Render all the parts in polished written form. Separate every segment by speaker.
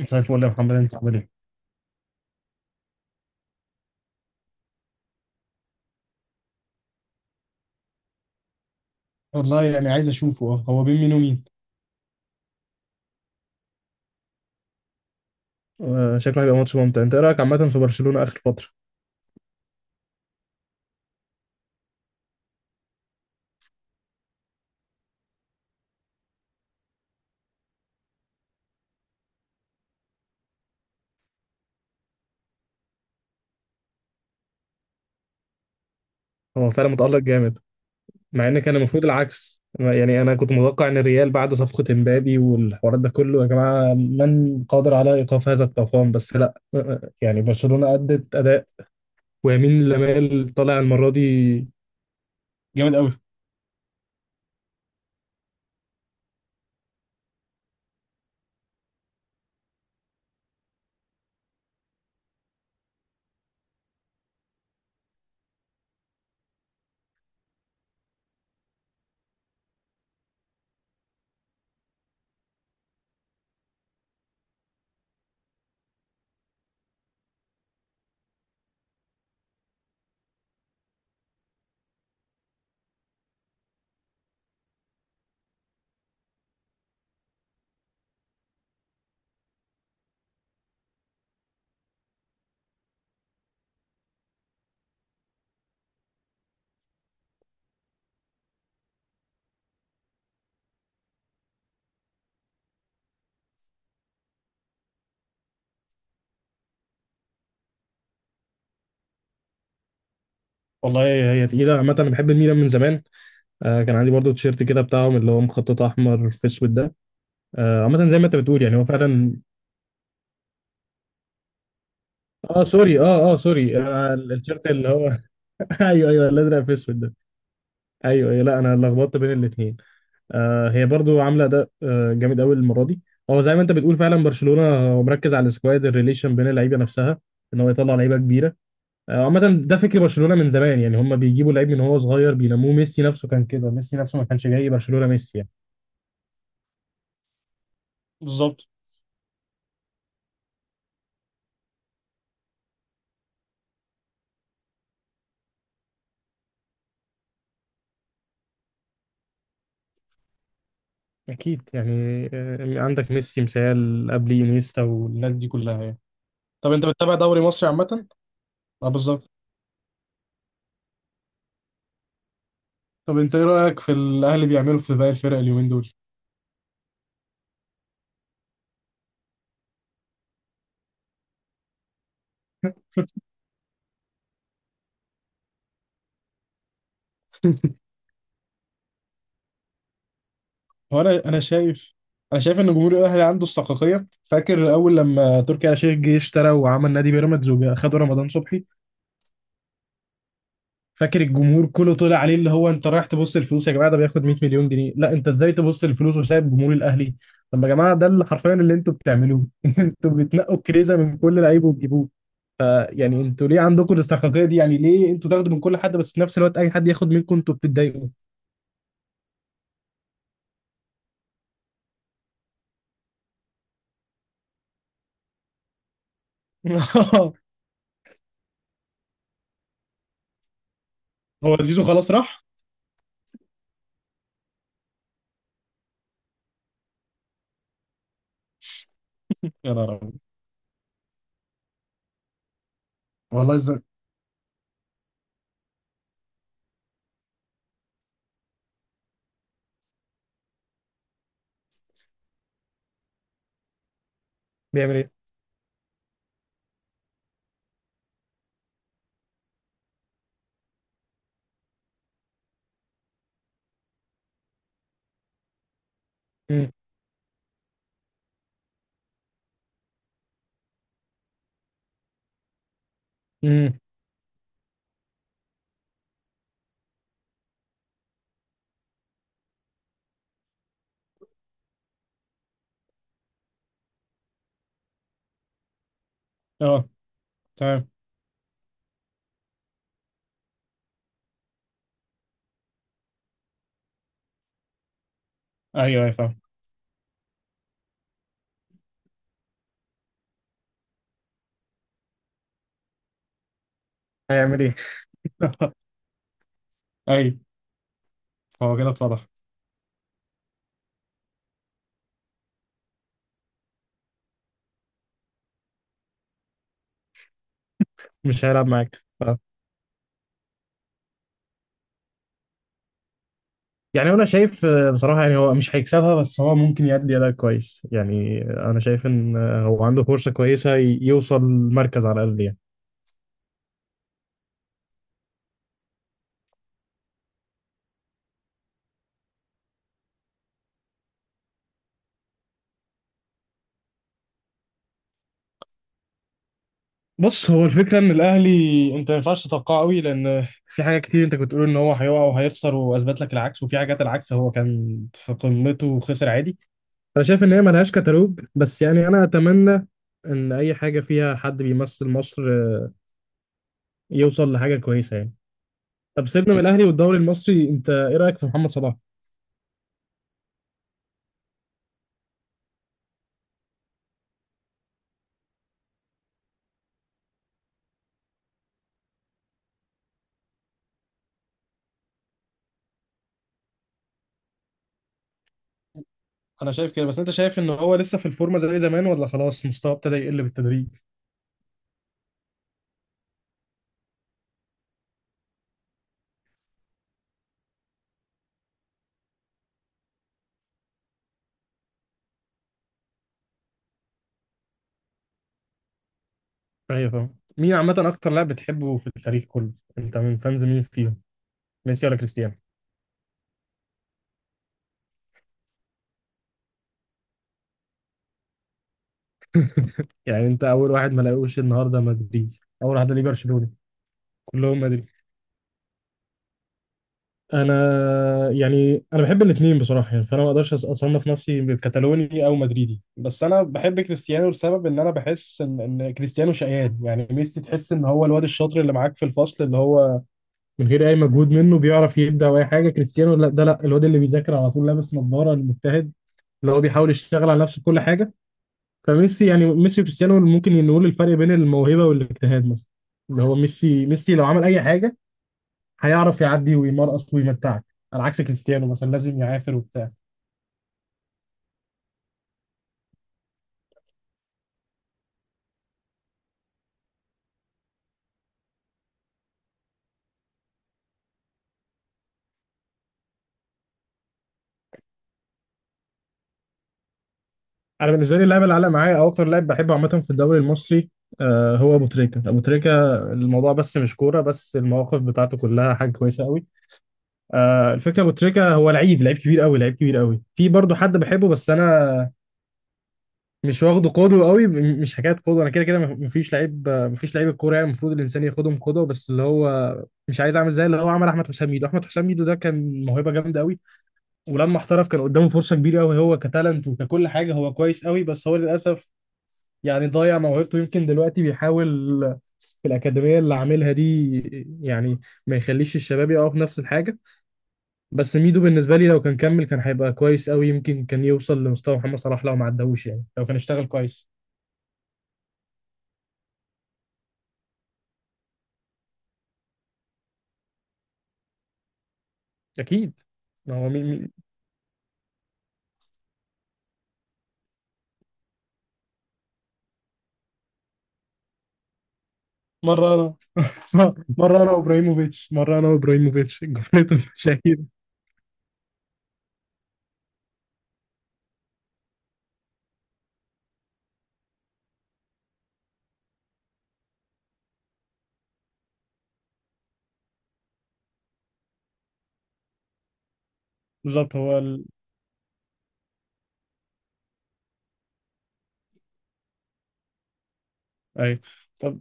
Speaker 1: مساء الفل يا محمد انت عامل ايه؟ والله يعني عايز اشوفه هو بين مين ومين؟ شكله هيبقى ماتش ممتع. انت ايه رايك عامه في برشلونه اخر فتره؟ هو فعلا متالق جامد. مع ان كان المفروض العكس، يعني انا كنت متوقع ان الريال بعد صفقه امبابي والحوارات ده كله يا جماعه، من قادر على ايقاف هذا الطوفان؟ بس لا. يعني برشلونه ادت اداء ويمين لمال طالع المره دي جامد قوي. والله هي تقيلة عامة. أنا بحب الميلان من زمان. كان عندي برضو تيشيرت كده بتاعهم، اللي هو مخطط أحمر في أسود ده. عامة زي ما أنت بتقول يعني هو فعلا. اه سوري اه اه سوري آه ال- الشرط اللي هو ايوه ايوه، الازرق في اسود ده. ايوه ايوه، لا انا لخبطت بين الاثنين. هي برضو عامله ده جامد قوي المره دي. هو زي ما انت بتقول فعلا برشلونه، هو مركز على السكواد، الريليشن بين اللعيبه نفسها، ان هو يطلع لعيبه كبيره. عامه ده فكر برشلونه من زمان. يعني هم بيجيبوا لعيب من هو صغير بينموه. ميسي نفسه كان كده، ميسي نفسه ما كانش جاي برشلونه ميسي يعني. بالظبط. اكيد يعني. عندك ميسي مثال، قبل انيستا والناس دي كلها يعني. طب انت بتتابع دوري مصري عامه؟ اه بالظبط. طب انت ايه رأيك في الاهلي بيعملوا في باقي الفرق اليومين دول؟ هو انا شايف انا شايف ان جمهور الاهلي عنده استحقاقيه. فاكر اول لما تركي آل الشيخ جه اشترى وعمل نادي بيراميدز وخدوا رمضان صبحي، فاكر الجمهور كله طلع عليه؟ اللي هو انت رايح تبص الفلوس يا جماعه، ده بياخد 100 مليون جنيه، لا انت ازاي تبص الفلوس وسايب جمهور الاهلي؟ طب يا جماعه ده اللي حرفيا اللي انتوا بتعملوه. انتوا بتنقوا كريزه من كل لعيب وتجيبوه، فيعني انتوا ليه عندكم الاستحقاقيه دي؟ يعني ليه انتوا تاخدوا من كل حد، بس في نفس الوقت اي حد ياخد منكم انتوا بتتضايقوا؟ هو زيزو خلاص راح. يا نهار أبيض. والله ازاي. بيعمل ايه؟ امم. امم. اه. تمام. ايوه ايوه فاهم. هيعمل ايه. ايوه. هو كده اتفضح. مش هيلعب معاك. يعني انا شايف بصراحه يعني هو مش هيكسبها، بس هو ممكن يأدي اداء كويس. يعني انا شايف ان هو عنده فرصه كويسه يوصل المركز على الاقل يعني. بص، هو الفكره ان الاهلي انت ما ينفعش تتوقعه قوي. لان في حاجات كتير انت كنت بتقول ان هو هيقع وهيخسر واثبت لك العكس، وفي حاجات العكس هو كان في قمته وخسر عادي. انا شايف ان هي ملهاش كتالوج، بس يعني انا اتمنى ان اي حاجه فيها حد بيمثل مصر يوصل لحاجه كويسه يعني. طب سيبنا من الاهلي والدوري المصري. انت ايه رايك في محمد صلاح؟ انا شايف كده، بس انت شايف ان هو لسه في الفورمه زي زمان، ولا خلاص مستواه ابتدى يقل بالتدريج؟ ايوه فاهم. مين عامه اكتر لاعب بتحبه في التاريخ كله؟ انت من فانز مين فيهم، ميسي ولا كريستيانو؟ يعني انت اول واحد ما لاقوش النهارده مدريدي اول واحد ليه برشلوني كلهم مدريد انا يعني انا بحب الاثنين بصراحه، يعني فانا ما اقدرش اصنف نفسي كتالوني او مدريدي. بس انا بحب كريستيانو لسبب ان انا بحس ان كريستيانو شقيان. يعني ميسي تحس ان هو الواد الشاطر اللي معاك في الفصل، اللي هو من غير اي مجهود منه بيعرف يبدع او اي حاجه. كريستيانو لا، ده لا الواد اللي بيذاكر على طول، لابس نظاره، المجتهد، اللي هو بيحاول يشتغل على نفسه في كل حاجه. فميسي يعني ميسي وكريستيانو ممكن نقول الفرق بين الموهبه والاجتهاد مثلا. اللي هو ميسي لو عمل اي حاجه هيعرف يعدي ويمرقص ويمتعك، على عكس كريستيانو مثلا لازم يعافر وبتاع. انا بالنسبه لي اللاعب اللي علق معايا او اكتر لاعب بحبه عامه في الدوري المصري، هو ابو تريكه. ابو تريكه الموضوع بس مش كوره، بس المواقف بتاعته كلها حاجه كويسه قوي. الفكره ابو تريكه هو لعيب كبير قوي، لعيب كبير قوي. في برضه حد بحبه، بس انا مش واخده قدوه قوي. مش حكايه قدوه، انا كده كده مفيش لعيب، مفيش لعيب الكوره يعني المفروض الانسان ياخدهم قدوه، بس اللي هو مش عايز اعمل زي اللي هو عمل. احمد حسام ميدو، احمد حسام ميدو ده كان موهبه جامده قوي. ولما احترف كان قدامه فرصة كبيرة قوي، هو كتالنت وككل حاجة هو كويس قوي، بس هو للأسف يعني ضيع موهبته. يمكن دلوقتي بيحاول في الأكاديمية اللي عاملها دي، يعني، ما يخليش الشباب يقعوا في نفس الحاجة. بس ميدو بالنسبة لي لو كان كمل كان هيبقى كويس قوي. يمكن كان يوصل لمستوى محمد صلاح لو ما عداهوش، يعني لو كان اشتغل كويس. أكيد. ما هو مي... مي... مرة أنا مرة أنا وإبراهيموفيتش جملته المشاهير. بالظبط أيوه. طب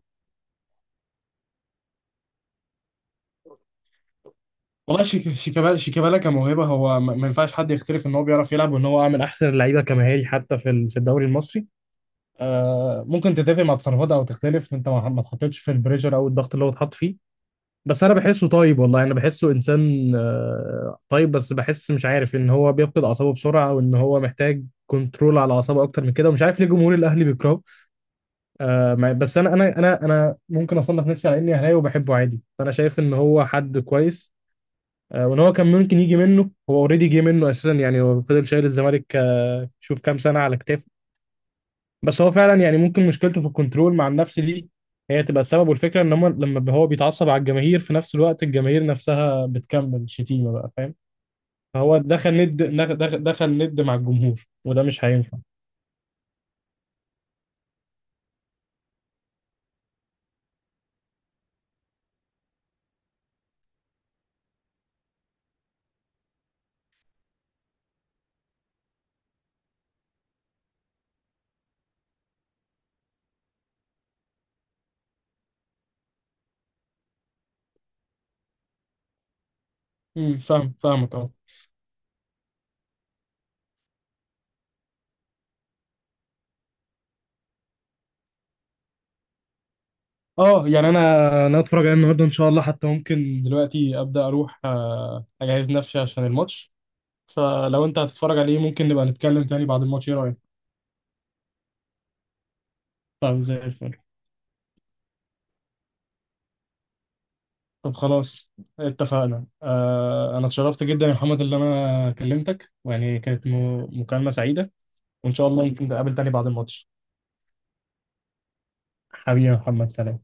Speaker 1: والله، شيكابالا كموهبه هو ما ينفعش حد يختلف ان هو بيعرف يلعب، وان هو من احسن اللعيبه كمهاري حتى في في الدوري المصري. ممكن تتفق مع تصرفات او تختلف، انت ما اتحطيتش في البريشر او الضغط اللي هو اتحط فيه. بس انا بحسه طيب والله. انا بحسه انسان طيب، بس بحس مش عارف ان هو بيفقد اعصابه بسرعه، وان هو محتاج كنترول على اعصابه اكتر من كده. ومش عارف ليه جمهور الاهلي بيكرهه. بس انا، انا ممكن اصنف نفسي على اني اهلاوي وبحبه عادي، فانا شايف ان هو حد كويس. وان هو كان ممكن يجي منه هو اوريدي جه منه اساسا. يعني هو فضل شايل الزمالك شوف كام سنه على كتافه. بس هو فعلا يعني ممكن مشكلته في الكنترول مع النفس دي، هي تبقى السبب. والفكره ان هم لما هو بيتعصب على الجماهير، في نفس الوقت الجماهير نفسها بتكمل شتيمه بقى فاهم. فهو دخل ند، دخل ند مع الجمهور وده مش هينفع. امم، فاهم، فاهمك اه. اه يعني انا اتفرج عليه النهارده ان شاء الله. حتى ممكن دلوقتي ابدا اروح اجهز نفسي عشان الماتش. فلو انت هتتفرج عليه، ممكن نبقى نتكلم تاني بعد الماتش، ايه رأيك؟ طيب زي الفل. طب خلاص اتفقنا. انا اتشرفت جدا يا محمد اللي انا كلمتك، ويعني كانت مكالمة سعيدة. وان شاء الله ممكن نتقابل تاني بعد الماتش. حبيبي يا محمد، سلام.